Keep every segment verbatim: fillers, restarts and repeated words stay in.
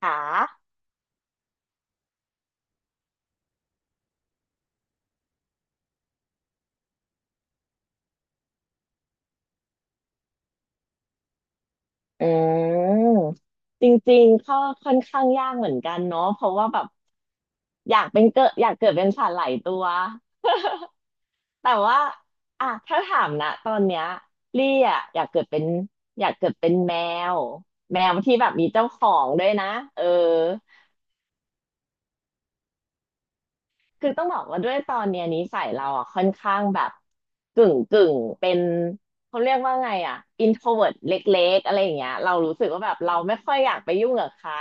ค่ะ อืม จริงๆก็ค่อนข้างยากเหมือนกันเนาะเพราะว่าแบบอยากเป็นเกิดอยากเกิดเป็นสัตว์หลายตัว แต่ว่าอ่ะถ้าถามนะ ตอนเนี้ยลี่อ่ะอยากเกิดเป็นอยากเกิดเป็นแมว แมวที่แบบมีเจ้าของด้วยนะ เออ คือต้องบอกว่าด้วยตอนเนี้ยนิสัยเราอ่ะค่อนข้างแบบกึ่งกึ่งเป็นเขาเรียกว่าไงอ่ะ อินโทรเวิร์ท เล็กๆอะไรอย่างเงี้ยเรารู้สึกว่าแบบเราไม่ค่อยอยากไปยุ่งกับใคร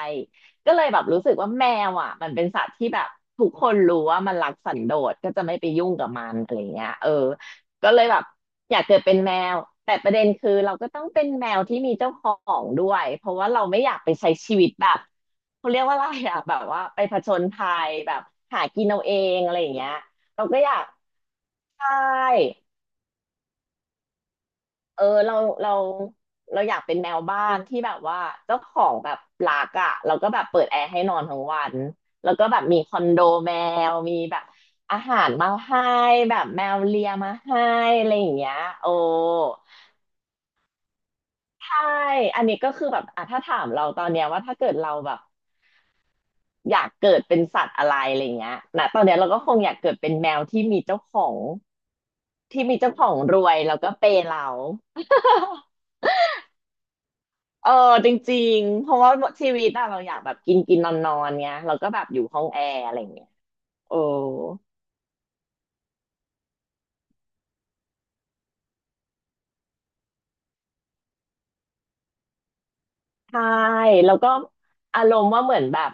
ก็เลยแบบรู้สึกว่าแมวอ่ะมันเป็นสัตว์ที่แบบทุกคนรู้ว่ามันรักสันโดษก็จะไม่ไปยุ่งกับมันอะไรเงี้ยเออก็เลยแบบอยากเกิดเป็นแมวแต่ประเด็นคือเราก็ต้องเป็นแมวที่มีเจ้าของด้วยเพราะว่าเราไม่อยากไปใช้ชีวิตแบบ เขาเรียกว่าอะไรอะแบบว่าไปผจญภัยแบบหากินเอาเองอะไรอย่างเงี้ยเราก็อยากใช่เออเราเราเราอยากเป็นแมวบ้านที่แบบว่าเจ้าของแบบรักอะเราก็แบบเปิดแอร์ให้นอนทั้งวันแล้วก็แบบมีคอนโดแมวมีแบบอาหารมาให้แบบแมวเลียมาให้อะไรอย่างเงี้ยโอ้ใช่อันนี้ก็คือแบบอ่ะถ้าถามเราตอนเนี้ยว่าถ้าเกิดเราแบบ อยากเกิดเป็นสัตว์อะไรอะไรเงี้ยนะตอนเนี้ยเราก็คงอยากเกิดเป็นแมวที่มีเจ้าของที่มีเจ้าของรวยแล้วก็เปย์เรา เออจริงๆเพราะว่าชีวิตอะเราอยากแบบกินกินนอนนอนเงี้ยเราก็แบบอยู่ห้องแอร์อะไรเงี้ยโอ้ ใช่แล้วก็อารมณ์ว่าเหมือนแบบ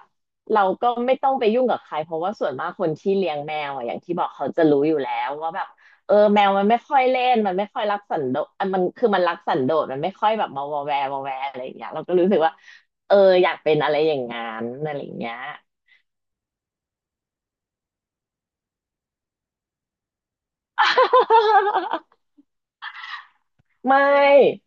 เราก็ไม่ต้องไปยุ่งกับใครเพราะว่าส่วนมากคนที่เลี้ยงแมวอะอย่างที่บอกเขาจะรู้อยู่แล้วว่าแบบเออแมวมันไม่ค่อยเล่นมันไม่ค่อยรักสันโดษอ่ะมันคือมันรักสันโดษมันไม่ค่อยแบบมาวอแวร์วอแวร์อะไรอย่างเงี้ยเราก็รู้สึกว่าเอออยากเป็นอะไรอย่างงั้นอะไรอย่างเงี้ย ไม่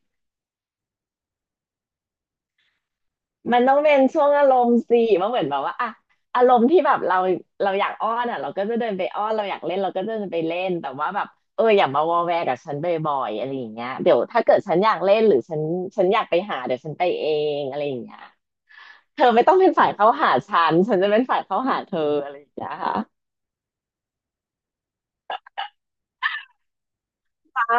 มันต้องเป็นช่วงอารมณ์สิมันเหมือนแบบว่าอะอารมณ์ที่แบบเราเราอยากอ้อนอะเราก็จะเดินไปอ้อนเราอยากเล่นเราก็จะเดินไปเล่นแต่ว่าแบบเอออย่ามาวอแวกับฉันบ่อยๆอะไรอย่างเงี้ยเดี๋ยวถ้าเกิดฉันอยากเล่นหรือฉันฉันอยากไปหาเดี๋ยวฉันไปเองอะไรอย่างเงี้ยเธอไม่ต้องเป็นฝ่ายเข้าหาฉันฉันจะเป็นฝ่ายเข้าหาเธออะไรอย่างเงี้ยค่ะใช่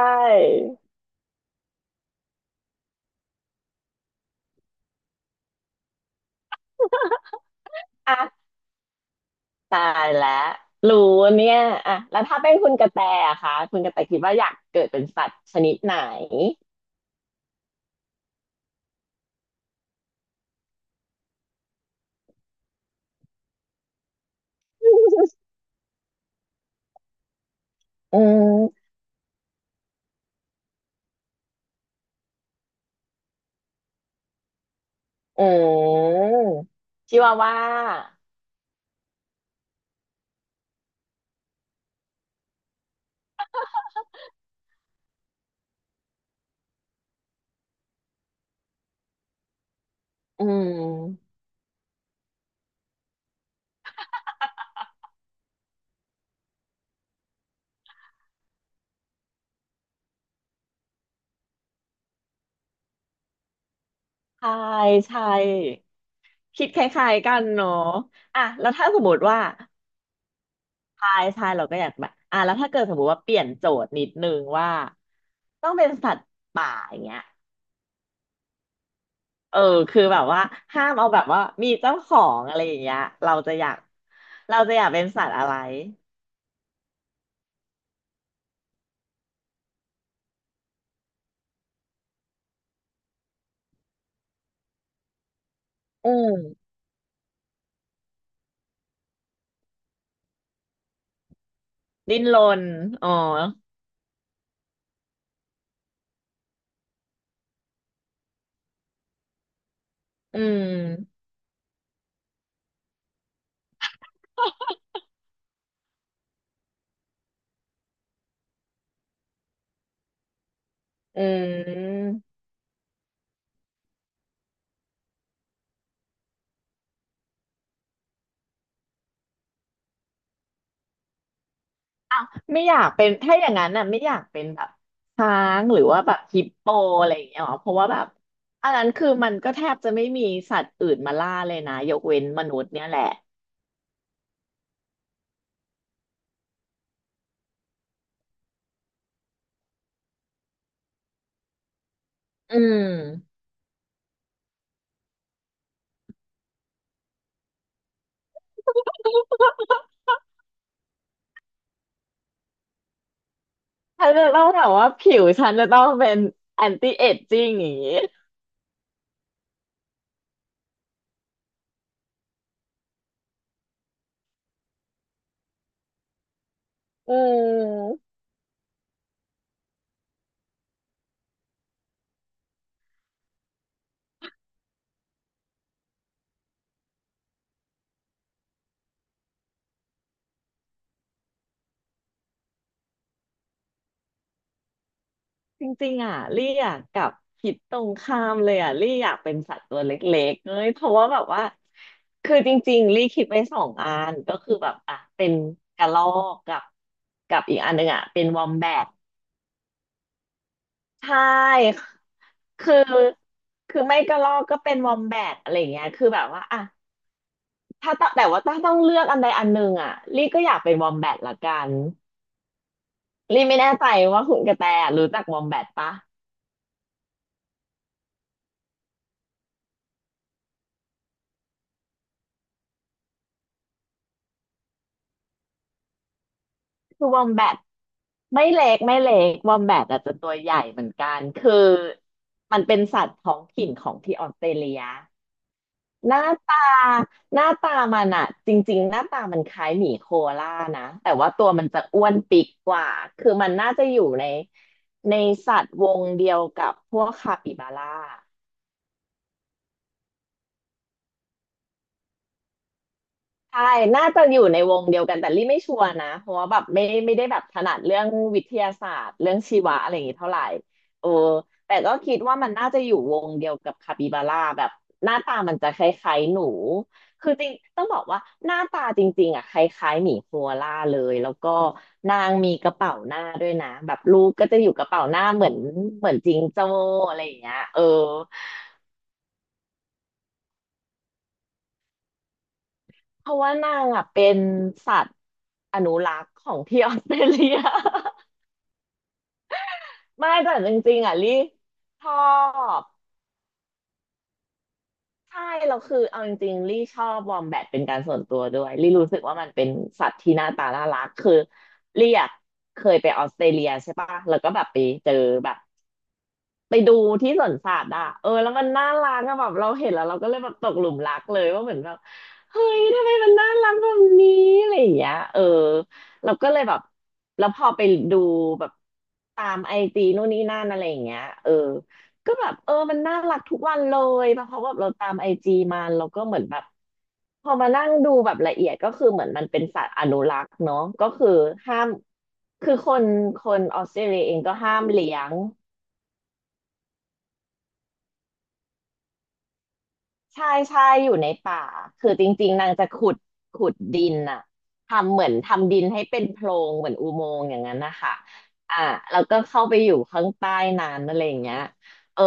อ่ะตายแล้วรู้เนี่ยอ่ะแล้วถ้าเป็นคุณกระแตอะคะคุณกระแตคิดว่าอยากเกิดเป็นสัตว์ชนิดไหนอืม โอ้ชิวาว่าอืมใช่ใช่คิดคล้ายๆกันเนาะอ่ะแล้วถ้าสมมติว่าใช่ใช่เราก็อยากแบบอ่ะแล้วถ้าเกิดสมมติว่าเปลี่ยนโจทย์นิดนึงว่าต้องเป็นสัตว์ป่าอย่างเงี้ยเออคือแบบว่าห้ามเอาแบบว่ามีเจ้าของอะไรอย่างเงี้ยเราจะอยากเราจะอยากเป็นสัตว์อะไรอืมดิ้นรนอ๋ออืมอืม ไม่อยากเป็นถ้าอย่างนั้นน่ะไม่อยากเป็นแบบช้างหรือว่าแบบฮิปโปอะไรอย่างเงี้ยหรอเพราะว่าแบบอันนั้นคือมันก็แทบจะไม่มีสัตว์อื่นมาล่าเลยนะยกเว้นมนุษย์เนี่ยแหละอืมฉันจะต้องถามว่าผิวฉันจะต้องเป็นแอนตี้เอจจิ้งอย่างงี้อืม จริงๆอ่ะลี่อยากกลับคิดตรงข้ามเลยอ่ะลี่อยากเป็นสัตว์ตัวเล็กๆเอ้ยเพราะว่าแบบว่าคือจริงๆลี่คิดไว้สองอันก็คือแบบอ่ะเป็นกระรอกกับกับอีกอันหนึ่งอ่ะเป็นวอมแบทใช่คือคือไม่กระรอกก็เป็นวอมแบทอะไรยาเงี้ยคือแบบว่าอะถ้าตแต่ว่าถ้าต้องเลือกอันใดอันหนึ่งอะลี่ก็อยากเป็นวอมแบทละกันลี่ไม่แน่ใจว่าคุณกระแตรู้จักวอมแบทปะ คือวอมแบทไม่เล็กไม่เล็กวอมแบทอาจจะตัวใหญ่เหมือนกันคือมันเป็นสัตว์ท้องถิ่นของที่ออสเตรเลียหน้าตาหน้าตามันอะจริงๆหน้าตามันคล้ายหมีโคอาล่านะแต่ว่าตัวมันจะอ้วนปีกกว่าคือมันน่าจะอยู่ในในสัตว์วงเดียวกับพวกคาปิบาร่า ใช่น่าจะอยู่ในวงเดียวกันแต่ลี่ไม่ชัวร์นะเพราะว่าแบบไม่ไม่ได้แบบถนัดเรื่องวิทยาศาสตร์เรื่องชีวะอะไรอย่างงี้เท่าไหร่เออแต่ก็คิดว่ามันน่าจะอยู่วงเดียวกับคาปิบาร่าแบบหน้าตามันจะคล้ายๆหนูคือจริงต้องบอกว่าหน้าตาจริงๆอ่ะคล้ายๆหมีโคอาล่าเลยแล้วก็นางมีกระเป๋าหน้าด้วยนะแบบลูกก็จะอยู่กระเป๋าหน้าเหมือนเหมือนจิงโจ้อะไรอย่างเงี้ยเออเพราะว่านางอ่ะเป็นสัตว์อนุรักษ์ของที่ออสเตรเลีย ไม่แต่จริงๆอ่ะลี่ชอบใช่แล้วคือเอาจริงๆลี่ชอบวอมแบทเป็นการส่วนตัวด้วยลี่รู้สึกว่ามันเป็นสัตว์ที่หน้าตาน่ารักคือลี่อะเคยไปออสเตรเลียใช่ปะแล้วก็แบบไปเจอแบบ ไปดูที่สวนสัตว์อ่ะเออแล้วมันน่ารักอะแบบเราเห็นแล้วเราก็เลยแบบตกหลุมรักเลยว่าเหมือนแบบเฮ้ยทำไมมันน่ารักแบบนี้อะไรอย่างเงี้ยเออเราก็เลยแบบแล้วพอไปดูแบบตามไอจีนู่นนี่นั่นอะไรอย่างเงี้ยเออก็แบบเออมันน่ารักทุกวันเลยเพราะว่าเราตามไอจีมาเราก็เหมือนแบบพอมานั่งดูแบบละเอียดก็คือเหมือนมันเป็นสัตว์อนุรักษ์เนาะก็คือห้ามคือคนคนออสเตรเลียเองก็ห้ามเลี้ยง ใช่ใช่อยู่ในป่าคือจริงๆนางจะขุดขุดดินน่ะทำเหมือนทำดินให้เป็นโพรงเหมือนอุโมงค์อย่างนั้นนะคะอ่าแล้วก็เข้าไปอยู่ข้างใต้นั้นอะไรอย่างเงี้ยเออ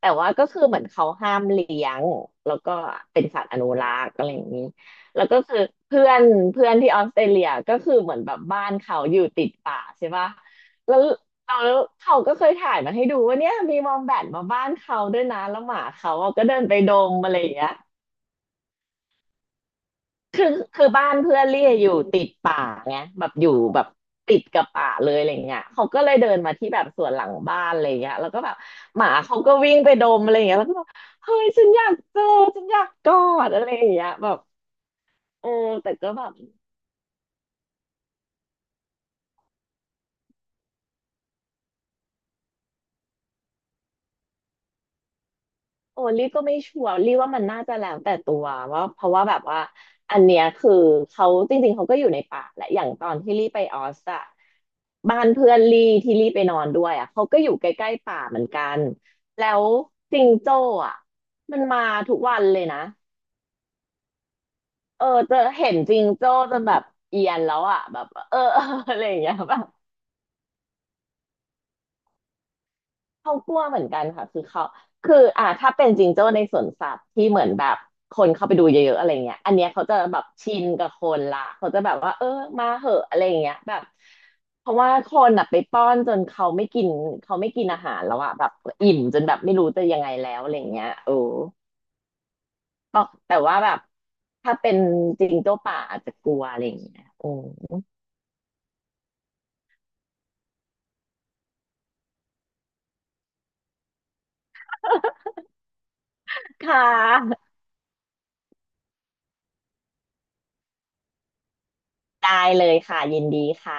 แต่ว่าก็คือเหมือนเขาห้ามเลี้ยงแล้วก็เป็นสัตว์อนุรักษ์อะไรอย่างนี้แล้วก็คือเพื่อนเพื่อนที่ออสเตรเลียก็คือเหมือนแบบบ้านเขาอยู่ติดป่าใช่ปะแล้ว เอาแล้วเขาก็เคยถ่ายมาให้ดูว่าเนี่ยมีวอมแบทมาบ้านเขาด้วยนะแล้วหมาเขาอะก็เดินไปดมอะไรอย่างเงี้ยคือคือบ้านเพื่อนเลี่ยอยู่ติดป่าไงแบบอยู่แบบติดกับป่าเลยอะไรเงี้ยเขาก็เลยเดินมาที่แบบสวนหลังบ้านอะไรเงี้ยแล้วก็แบบหมาเขาก็วิ่งไปดมอะไรเงี้ยแล้วก็แบบเฮ้ยฉันอยากเจอฉันอยากกอดอะไรอย่างเงี้ยแบบโอ้แต่ก็แบบ โอ้ลี่ก็ไม่ชัวร์ลี่ว่ามันน่าจะแล้วแต่ตัวว่าเพราะว่าแบบว่าอันเนี้ยคือเขาจริงๆเขาก็อยู่ในป่าแหละอย่างตอนที่ลี่ไปออสอะบ้านเพื่อนลี่ที่ลี่ไปนอนด้วยอะเขาก็อยู่ใกล้ๆป่าเหมือนกันแล้วจิงโจ้อะมันมาทุกวันเลยนะเออเจะเห็นจิงโจ้จนแบบเอียนแล้วอะแบบเออ เอออะไรอย่างเงี้ยแบบ เขากลัวเหมือนกันค่ะคือเขาคืออ่าถ้าเป็นจิงโจ้ในสวนสัตว์ที่เหมือนแบบคนเข้าไปดูเยอะๆอะไรเงี้ยอันเนี้ยเขาจะแบบชินกับคนละเขาจะแบบว่าเออมาเหอะอะไรเงี้ยแบบเพราะว่าคนอ่ะไปป้อนจนเขาไม่กินเขาไม่กินอาหารแล้วอะแบบอิ่มจนแบบไม่รู้จะยังไงแล้วอะไรเงี้ยโอ้ก็แต่ว่าแบบถ้าเป็นจิงโจ้ป่าอาจจะกลัวอะไรเงี้ยโอ้ค่ะได้เลยค่ะยินดีค่ะ